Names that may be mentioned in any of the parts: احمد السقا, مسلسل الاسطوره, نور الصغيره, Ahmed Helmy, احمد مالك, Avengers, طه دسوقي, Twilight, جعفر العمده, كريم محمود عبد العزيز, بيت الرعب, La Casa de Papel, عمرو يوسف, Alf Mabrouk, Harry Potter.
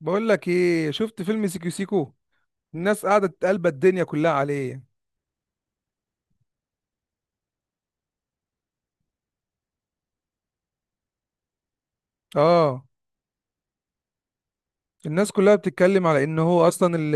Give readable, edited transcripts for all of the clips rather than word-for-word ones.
بقول لك ايه، شفت فيلم سيكو سيكو؟ الناس قاعده تقلب الدنيا كلها عليه. اه. الناس كلها بتتكلم على ان هو اصلا ال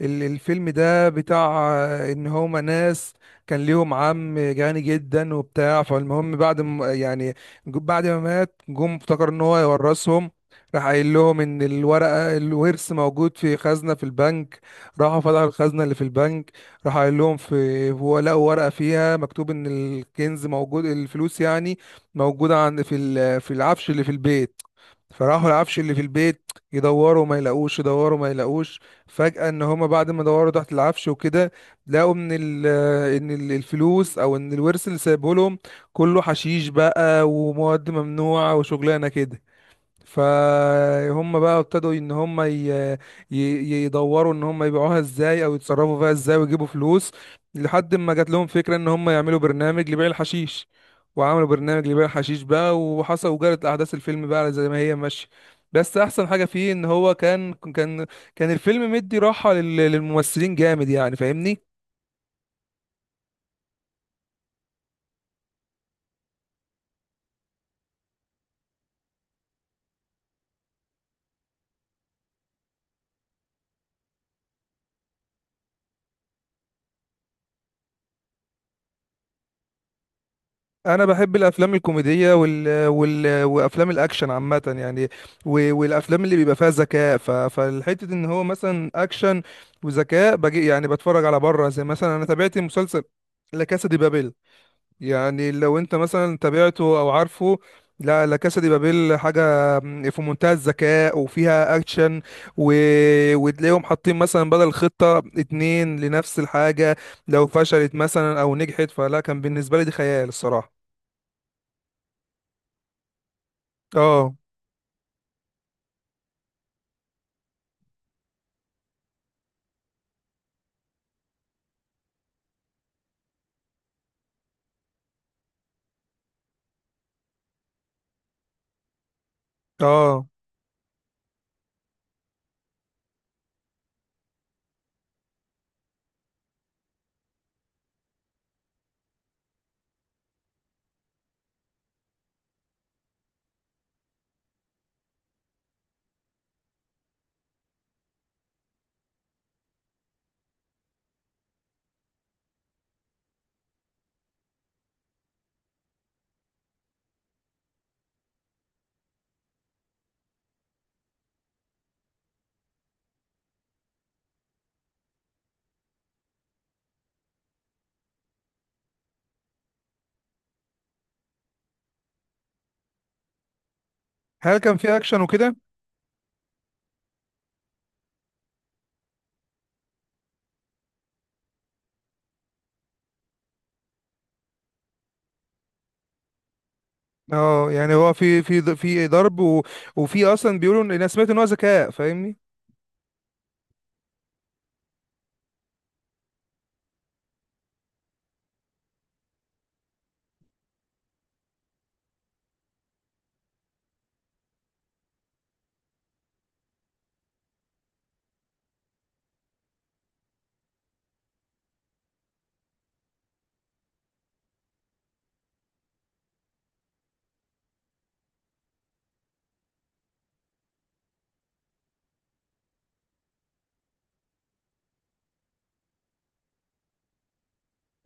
ال الفيلم ده بتاع، ان هما ناس كان ليهم عم غني جدا وبتاع. فالمهم بعد ما يعني بعد ما مات، جم افتكر ان هو يورثهم. راح قايل لهم ان الورقه الورث موجود في خزنه في البنك. راحوا فتحوا الخزنه اللي في البنك، راح قايل لهم في هو لقوا ورقه فيها مكتوب ان الكنز موجود، الفلوس يعني موجوده عند، في في العفش اللي في البيت. فراحوا العفش اللي في البيت يدوروا ما يلاقوش، يدوروا ما يلاقوش. فجأة ان هما بعد ما دوروا تحت العفش وكده، لقوا ان الفلوس او ان الورث اللي سايبه لهم كله حشيش بقى، ومواد ممنوعة وشغلانة كده. فهم بقى ابتدوا ان هم ي... يدوروا ان هم يبيعوها ازاي او يتصرفوا فيها ازاي ويجيبوا فلوس، لحد ما جات لهم فكرة ان هم يعملوا برنامج لبيع الحشيش. وعملوا برنامج لبيع الحشيش بقى، وحصل وجرت احداث الفيلم بقى زي ما هي ماشية. بس احسن حاجة فيه ان هو كان كان الفيلم مدي راحة للممثلين جامد يعني، فاهمني؟ انا بحب الافلام الكوميديه وافلام الاكشن عامه يعني، والافلام اللي بيبقى فيها ذكاء، فالحته ان هو مثلا اكشن وذكاء بجي يعني. بتفرج على بره، زي مثلا انا تابعت مسلسل لا كاسا دي بابيل. يعني لو انت مثلا تابعته او عارفه. لا كاسا دي بابيل حاجه في منتهى الذكاء وفيها اكشن، و... وتلاقيهم حاطين مثلا بدل خطه اتنين لنفس الحاجه، لو فشلت مثلا او نجحت. فلا، كان بالنسبه لي دي خيال الصراحه. اه. اه. هل كان في اكشن وكده؟ اه يعني هو في في ضرب، وفي اصلا بيقولوا ان انا سمعت ان هو ذكاء، فاهمني؟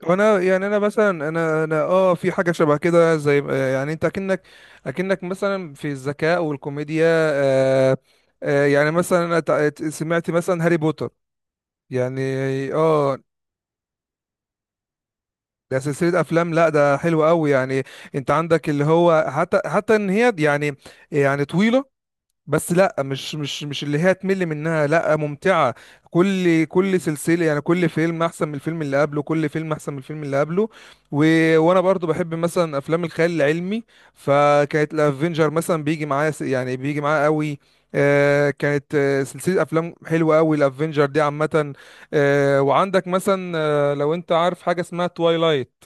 وانا يعني انا مثلا انا اه في حاجه شبه كده، زي يعني انت اكنك، اكنك مثلا في الذكاء والكوميديا. آه. آه يعني مثلا انا سمعت مثلا هاري بوتر يعني. اه، ده سلسله افلام، لا ده حلو قوي يعني. انت عندك اللي هو حتى ان هي يعني، يعني طويله، بس لا مش اللي هي تمل منها، لا ممتعة. كل سلسلة يعني، كل فيلم احسن من الفيلم اللي قبله، كل فيلم احسن من الفيلم اللي قبله. و... وانا برضو بحب مثلا افلام الخيال العلمي، فكانت الافنجر مثلا بيجي معايا يعني بيجي معايا قوي. آه، كانت آه سلسلة افلام حلوة قوي الافنجر دي عامة. آه وعندك مثلا، آه لو انت عارف حاجة اسمها توايلايت.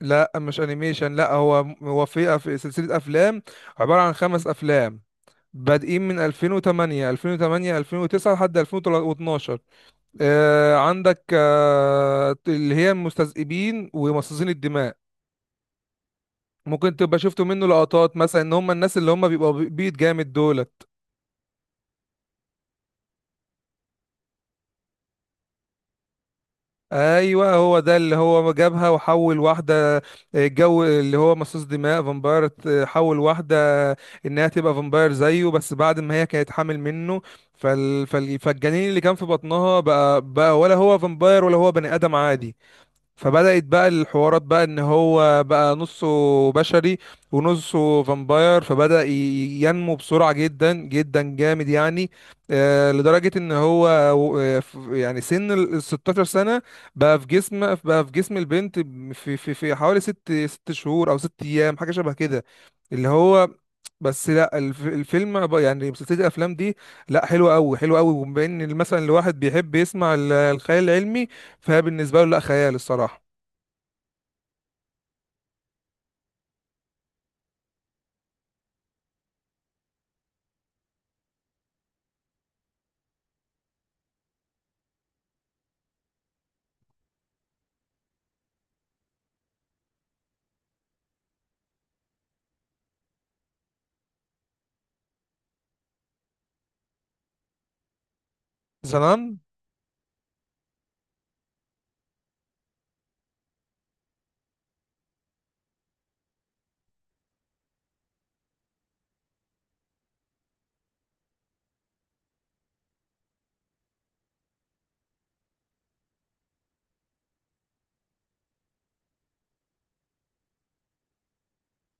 لا مش انيميشن، لا هو، هو في سلسلة افلام عبارة عن خمس افلام بادئين من 2008، 2008، 2009 لحد 2012. آه عندك آه اللي هي المستذئبين ومصاصين الدماء. ممكن تبقى شفتوا منه لقطات، مثلا ان هم الناس اللي هم بيبقوا بيض جامد دولت. ايوه هو ده اللي هو جابها وحول واحده. آه، جو اللي هو مصاص دماء فامباير، آه، حول واحده انها تبقى فامباير زيه، بس بعد ما هي كانت حامل منه. فالجنين اللي كان في بطنها بقى ولا هو فامباير ولا هو بني ادم عادي. فبدأت بقى الحوارات بقى ان هو بقى نصه بشري ونصه فامباير، فبدأ ينمو بسرعة جدا جدا جامد يعني، آه، لدرجة ان هو آه، يعني سن ال 16 سنة بقى في جسم، بقى في جسم البنت، في حوالي ست شهور او ست ايام حاجة شبه كده اللي هو. بس لا الفيلم بقى، يعني سلسله الافلام دي لا حلوه قوي، حلوه قوي. وبما ان مثلا الواحد بيحب يسمع الخيال العلمي، فهي بالنسبة له لا خيال الصراحة. زنان.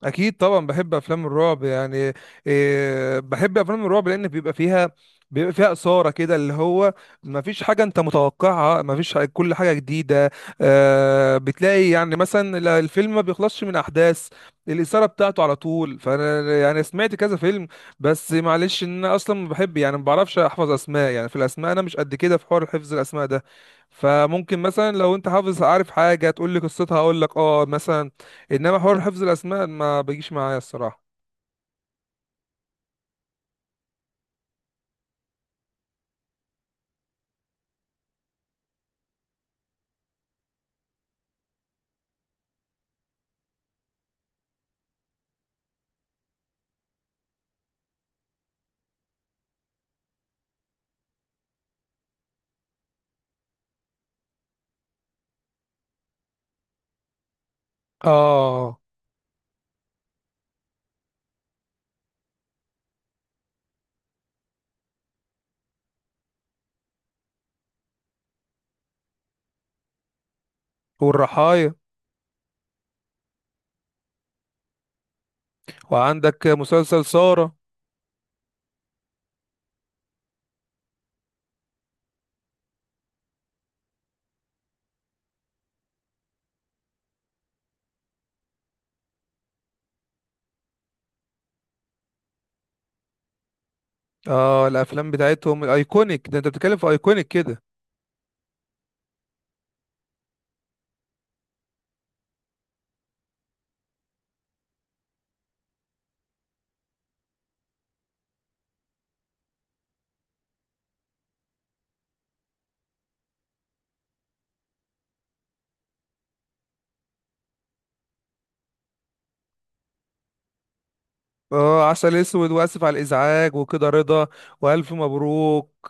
اكيد طبعا بحب افلام الرعب يعني. إيه، بحب افلام الرعب لان بيبقى فيها، بيبقى فيها اثاره كده، اللي هو ما فيش حاجه انت متوقعها، ما فيش، كل حاجه جديده. آه، بتلاقي يعني مثلا الفيلم ما بيخلصش من احداث، الاثاره بتاعته على طول. فانا يعني سمعت كذا فيلم، بس معلش ان انا اصلا ما بحب، يعني ما بعرفش احفظ اسماء. يعني في الاسماء انا مش قد كده في حوار حفظ الاسماء ده. فممكن مثلا لو انت حافظ عارف حاجه تقول لي قصتها، اقول لك اه مثلا. انما حوار حفظ الاسماء ما بيجيش معايا الصراحه. اه، والرحايا. وعندك مسلسل سارة. اه، الافلام بتاعتهم الايكونيك ده، انت بتتكلم في ايكونيك كده. اه، عسل اسود، واسف على الازعاج، وكده رضا، والف مبروك.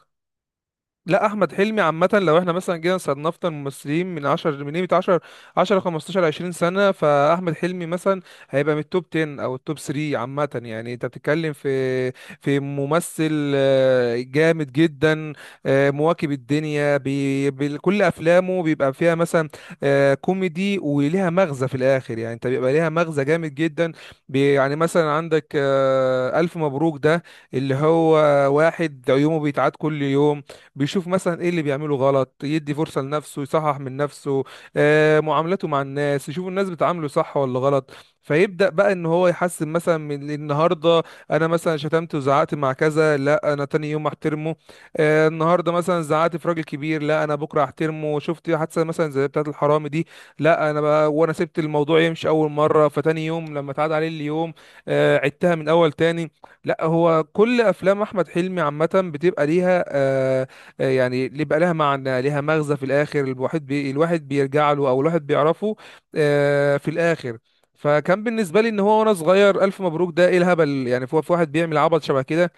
لا احمد حلمي عامه، لو احنا مثلا جينا صنفنا الممثلين من 10، من قيمه 10، 10، 15، 20 سنه، فاحمد حلمي مثلا هيبقى من التوب 10 او التوب 3 عامه. يعني انت بتتكلم في في ممثل آه، جامد جدا. آه، مواكب الدنيا، بكل افلامه بيبقى فيها مثلا آه، كوميدي وليها مغزى في الاخر يعني، انت بيبقى ليها مغزى جامد جدا. يعني مثلا عندك آه، الف مبروك ده اللي هو واحد عيومه بيتعاد كل يوم، بيشوف مثلا ايه اللي بيعمله غلط، يدي فرصة لنفسه يصحح من نفسه. آه، معاملته مع الناس، يشوف الناس بتعامله صح ولا غلط، فيبدأ بقى ان هو يحسن مثلا من النهارده. انا مثلا شتمت وزعقت مع كذا، لا انا تاني يوم احترمه. آه، النهارده مثلا زعقت في راجل كبير، لا انا بكره احترمه. شفت حادثه مثلا زي بتاعه الحرامي دي، لا انا بقى وانا سبت الموضوع يمشي اول مره، فتاني يوم لما اتعاد عليه اليوم، آه، عدتها من اول تاني. لا هو، كل افلام احمد حلمي عامه بتبقى ليها آه، آه، يعني اللي بقى لها معنى، لها مغزى في الاخر، الواحد الواحد بيرجع له او الواحد بيعرفه آه، في الاخر. فكان بالنسبه لي ان هو وانا صغير الف مبروك ده ايه الهبل يعني؟ في في واحد بيعمل عبط شبه كده.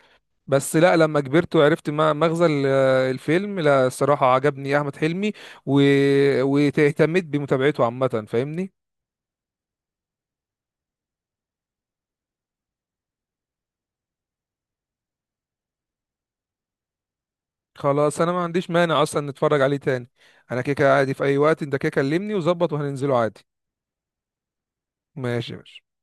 بس لا لما كبرت وعرفت مغزى الفيلم، لا الصراحه عجبني احمد حلمي، و... واهتميت بمتابعته عامه، فاهمني؟ خلاص، انا ما عنديش مانع اصلا نتفرج عليه تاني. انا كيكه عادي في اي وقت، انت كيكه كلمني وظبط وهننزله عادي. ماشي يا باشا.